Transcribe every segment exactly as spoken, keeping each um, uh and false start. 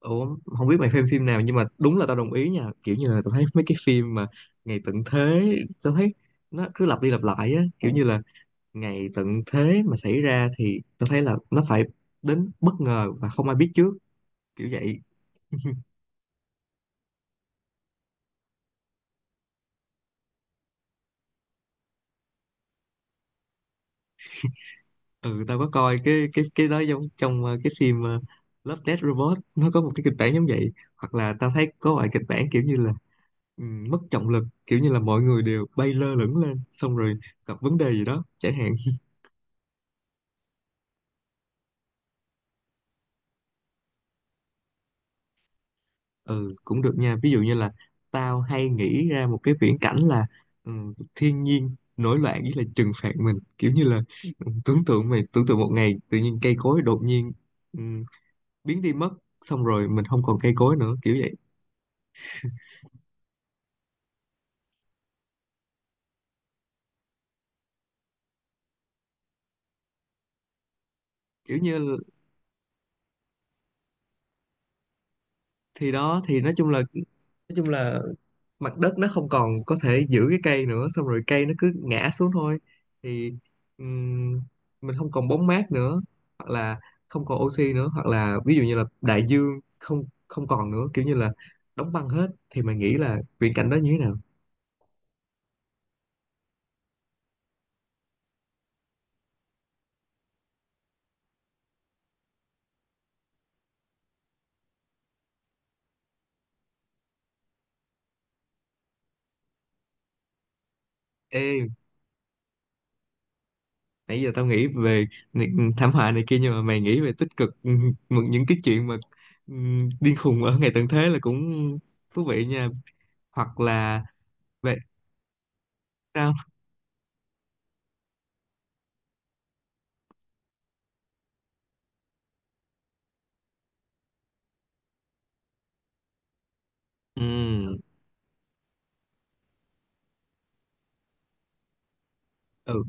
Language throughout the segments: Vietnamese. Ủa, không biết mày phim phim nào nhưng mà đúng là tao đồng ý nha, kiểu như là tao thấy mấy cái phim mà ngày tận thế, tao thấy nó cứ lặp đi lặp lại á, kiểu như là ngày tận thế mà xảy ra thì tao thấy là nó phải đến bất ngờ và không ai biết trước, kiểu vậy. Ừ tao có coi cái cái cái đó giống trong ờ, cái phim ờ, Love Death Robot, nó có một cái kịch bản giống vậy. Hoặc là tao thấy có loại kịch bản kiểu như là ừ, mất trọng lực, kiểu như là mọi người đều bay lơ lửng lên, xong rồi gặp vấn đề gì đó chẳng hạn. Ừ, cũng được nha. Ví dụ như là tao hay nghĩ ra một cái viễn cảnh là ừ, thiên nhiên nổi loạn với là trừng phạt mình, kiểu như là ừ, tưởng tượng, mày tưởng tượng một ngày tự nhiên cây cối đột nhiên ừ, biến đi mất, xong rồi mình không còn cây cối nữa, kiểu vậy. kiểu như là- thì đó, thì nói chung là, nói chung là mặt đất nó không còn có thể giữ cái cây nữa, xong rồi cây nó cứ ngã xuống thôi. Thì ừm, mình không còn bóng mát nữa, hoặc là không còn oxy nữa, hoặc là ví dụ như là đại dương không không còn nữa, kiểu như là đóng băng hết. Thì mày nghĩ là viễn cảnh đó như thế nào? Ê, nãy giờ tao nghĩ về ni- thảm họa này kia, nhưng mà mày nghĩ về tích cực, ừm, một những cái chuyện mà ừm, điên khùng ở ngày tận thế là cũng thú vị nha. Hoặc là về sao? Ừm, ừ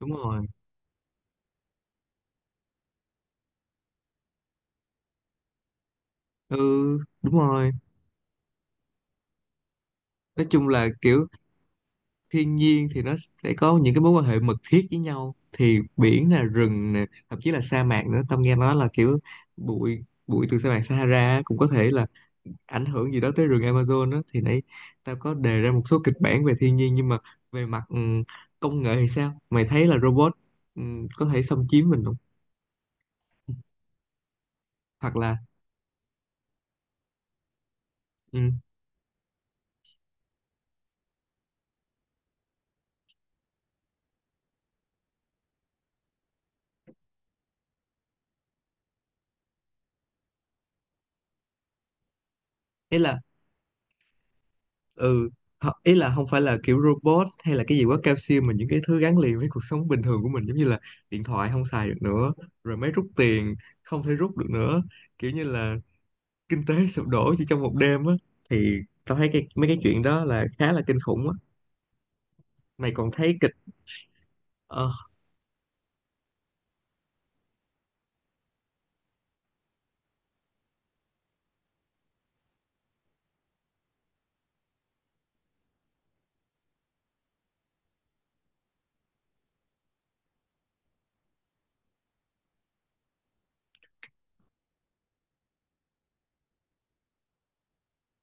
đúng rồi. Ừ đúng rồi, nói chung là kiểu thiên nhiên thì nó sẽ có những cái mối quan hệ mật thiết với nhau, thì biển nè, rừng nè, thậm chí là sa mạc nữa. Tâm nghe nói là kiểu bụi bụi từ sa mạc Sahara cũng có thể là ảnh hưởng gì đó tới rừng Amazon đó. Thì nãy tao có đề ra một số kịch bản về thiên nhiên, nhưng mà về mặt ừm, công nghệ thì sao? Mày thấy là robot ừm, có thể xâm chiếm mình không? Hoặc là ừ, ý là ừ. Ho- ý là không phải là kiểu robot hay là cái gì quá cao siêu, mà những cái thứ gắn liền với cuộc sống bình thường của mình, giống như là điện thoại không xài được nữa, rồi máy rút tiền không thể rút được nữa, kiểu như là kinh tế sụp đổ chỉ trong một đêm á. Thì tao thấy cái mấy cái chuyện đó là khá là kinh khủng á. Mày còn thấy kịch. Ờ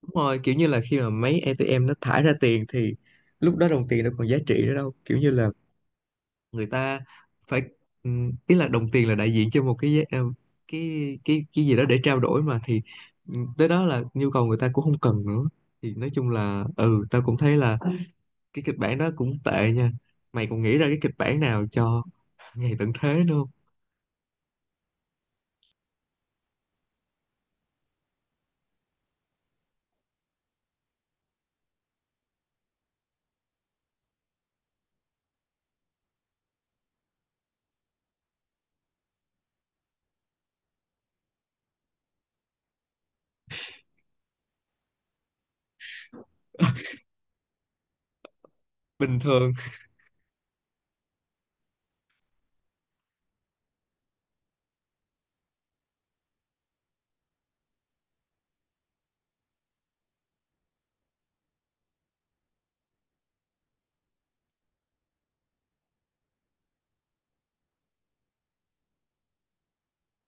đúng rồi, kiểu như là khi mà mấy ây ti em nó thải ra tiền thì lúc đó đồng tiền nó còn giá trị nữa đâu, kiểu như là người ta phải ừm, ý là đồng tiền là đại diện cho một cái giá- ờ, cái cái cái gì đó để trao đổi mà. Thì ừm, tới đó là nhu cầu người ta cũng không cần nữa. Thì nói chung là ừ, tao cũng thấy là cái kịch bản đó cũng tệ nha. Mày còn nghĩ ra cái kịch bản nào cho ngày tận thế nữa không? Bình thường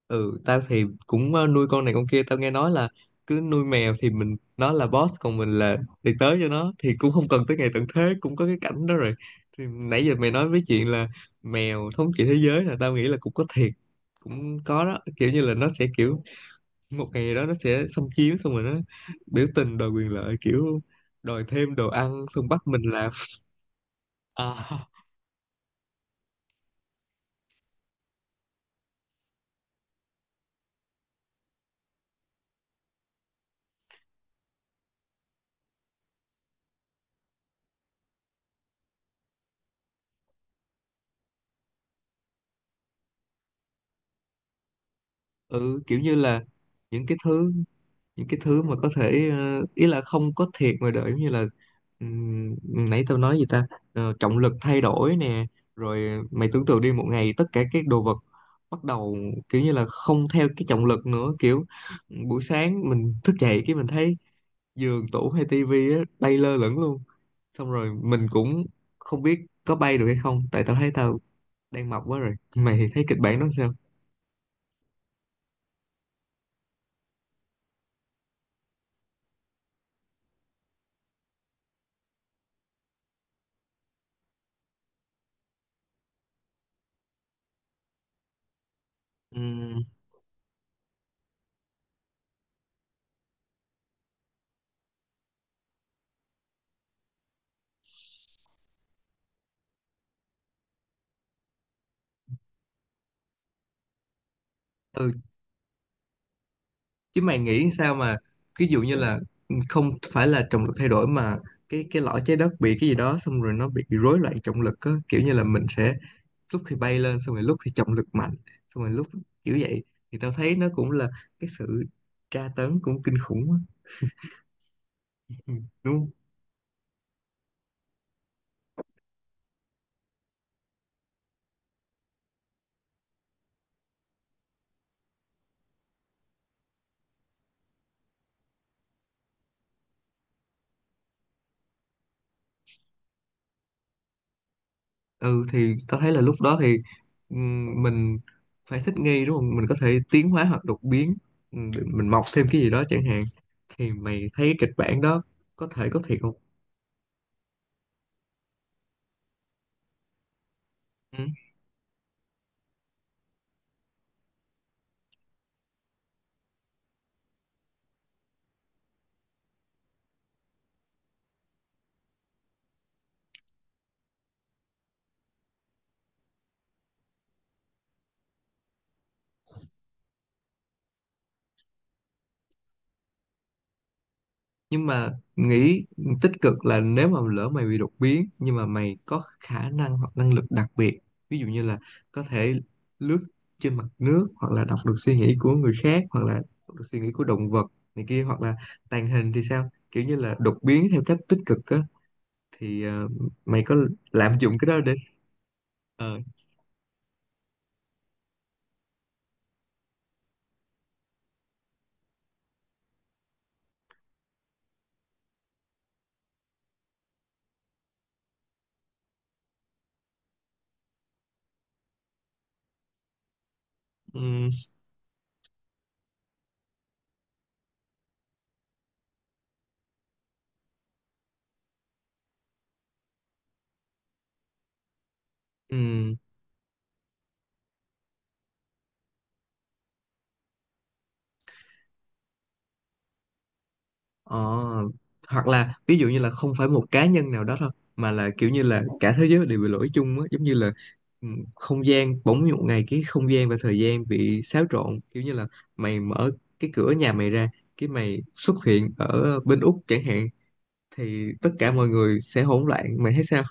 ừ, tao thì cũng ờ, nuôi con này con kia. Tao nghe nói là cứ nuôi mèo thì mình nó là boss, còn mình là đi tới cho nó, thì cũng không cần tới ngày tận thế cũng có cái cảnh đó rồi. Thì nãy giờ mày nói với chuyện là mèo thống trị thế giới là tao nghĩ là cũng có thiệt, cũng có đó, kiểu như là nó sẽ kiểu một ngày đó nó sẽ xâm chiếm xong rồi nó biểu tình đòi quyền lợi, kiểu đòi thêm đồ ăn, xong bắt mình làm. À, ừ, kiểu như là những cái thứ, những cái thứ mà có thể ờ, ý là không có thiệt ngoài đời, giống như là ừm, nãy tao nói gì ta? Ờ, trọng lực thay đổi nè. Rồi mày tưởng tượng đi, một ngày tất cả các đồ vật bắt đầu kiểu như là không theo cái trọng lực nữa, kiểu buổi sáng mình thức dậy cái mình thấy giường, tủ hay tivi á bay lơ lửng luôn. Xong rồi mình cũng không biết có bay được hay không, tại tao thấy tao đang mập quá rồi. Mày thấy kịch bản đó sao? Ừ, chứ mày nghĩ sao mà ví dụ như là ừ, không phải là trọng lực thay đổi, mà cái cái lõi trái đất bị cái gì đó xong rồi nó bị rối loạn trọng lực á, kiểu như là mình sẽ lúc thì bay lên, xong rồi lúc thì trọng lực mạnh, xong rồi lúc kiểu vậy. Thì tao thấy nó cũng là cái sự tra tấn cũng kinh khủng á. Ừ, đúng không? Ừ thì tao thấy là lúc đó thì ừm, mình phải thích nghi đúng không, mình có thể tiến hóa hoặc đột biến, ừm, mình mọc thêm cái gì đó chẳng hạn. Thì mày thấy cái kịch bản đó có thể có thiệt không? Nhưng mà nghĩ tích cực là nếu mà lỡ mày bị đột biến nhưng mà mày có khả năng hoặc năng lực đặc biệt, ví dụ như là có thể lướt trên mặt nước, hoặc là đọc được suy nghĩ của người khác, hoặc là đọc được suy nghĩ của động vật này kia, hoặc là tàng hình thì sao, kiểu như là đột biến theo cách tích cực á. Thì ờ, mày có lạm dụng cái đó để ờ, ừm, ừm, ờ, hoặc là ví dụ như là không phải một cá nhân nào đó thôi, mà là kiểu như là cả thế giới đều bị lỗi chung á, giống như là ừ, không gian, bỗng một ngày cái không gian và thời gian bị xáo trộn, kiểu như là mày mở cái cửa nhà mày ra, cái mày xuất hiện ở bên Úc chẳng hạn. Thì tất cả mọi người sẽ hỗn loạn. Mày thấy sao?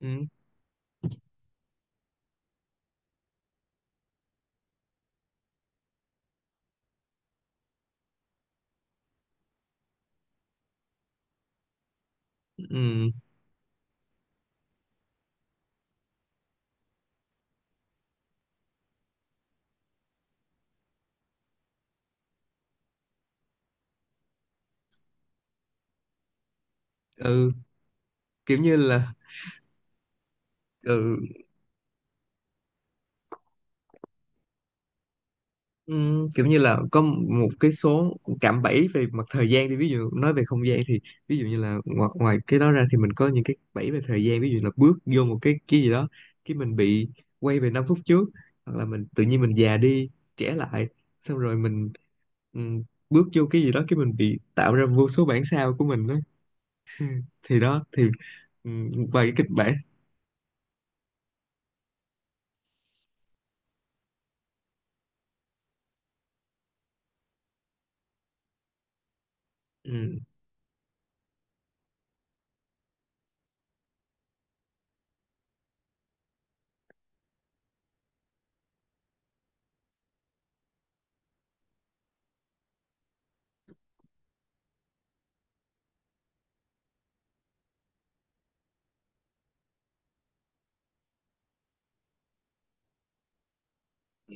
Ừ, ừ, ừ, kiểu như là ừ. Ừm, kiểu như là có một cái số cạm bẫy về mặt thời gian đi, ví dụ nói về không gian thì ví dụ như là ngoài, ngoài cái đó ra thì mình có những cái bẫy về thời gian, ví dụ là bước vô một cái cái gì đó, cái mình bị quay về năm phút trước, hoặc là mình tự nhiên mình già đi, trẻ lại, xong rồi mình ừm, bước vô cái gì đó cái mình bị tạo ra vô số bản sao của mình đó. Thì đó thì ừm, vài cái kịch bản. Ừm,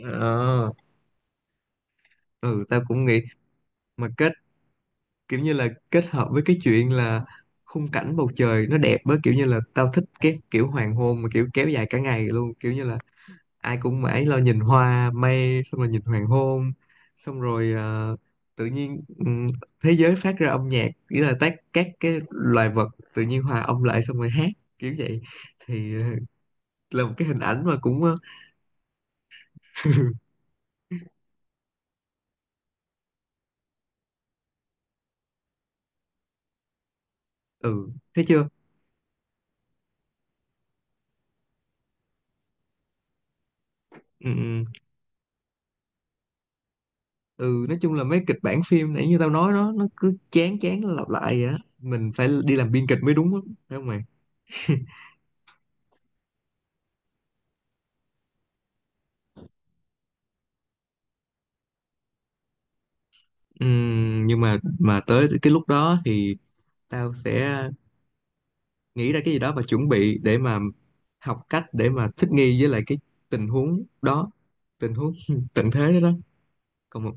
ờ, ừ tao cũng nghĩ mà kết, kiểu như là kết hợp với cái chuyện là khung cảnh bầu trời nó đẹp á, kiểu như là tao thích cái kiểu hoàng hôn mà kiểu kéo dài cả ngày luôn, kiểu như là ai cũng mãi lo nhìn hoa, mây, xong rồi nhìn hoàng hôn, xong rồi ờ, tự nhiên ừm, thế giới phát ra âm nhạc, nghĩa là tác các cái loài vật tự nhiên hòa âm lại xong rồi hát, kiểu vậy. Thì ờ, là một cái hình ảnh mà cũng ờ, ừ thấy chưa. Ừ, ừ. Ừ nói chung là mấy kịch bản phim nãy như tao nói đó nó cứ chán chán, nó lặp lại vậy á, mình phải đi làm biên kịch mới đúng á. Phải không mày? Ừm, nhưng mà mà tới cái lúc đó thì tao sẽ nghĩ ra cái gì đó và chuẩn bị để mà học cách để mà thích nghi với lại cái tình huống đó, tình huống tận thế đó đó. Còn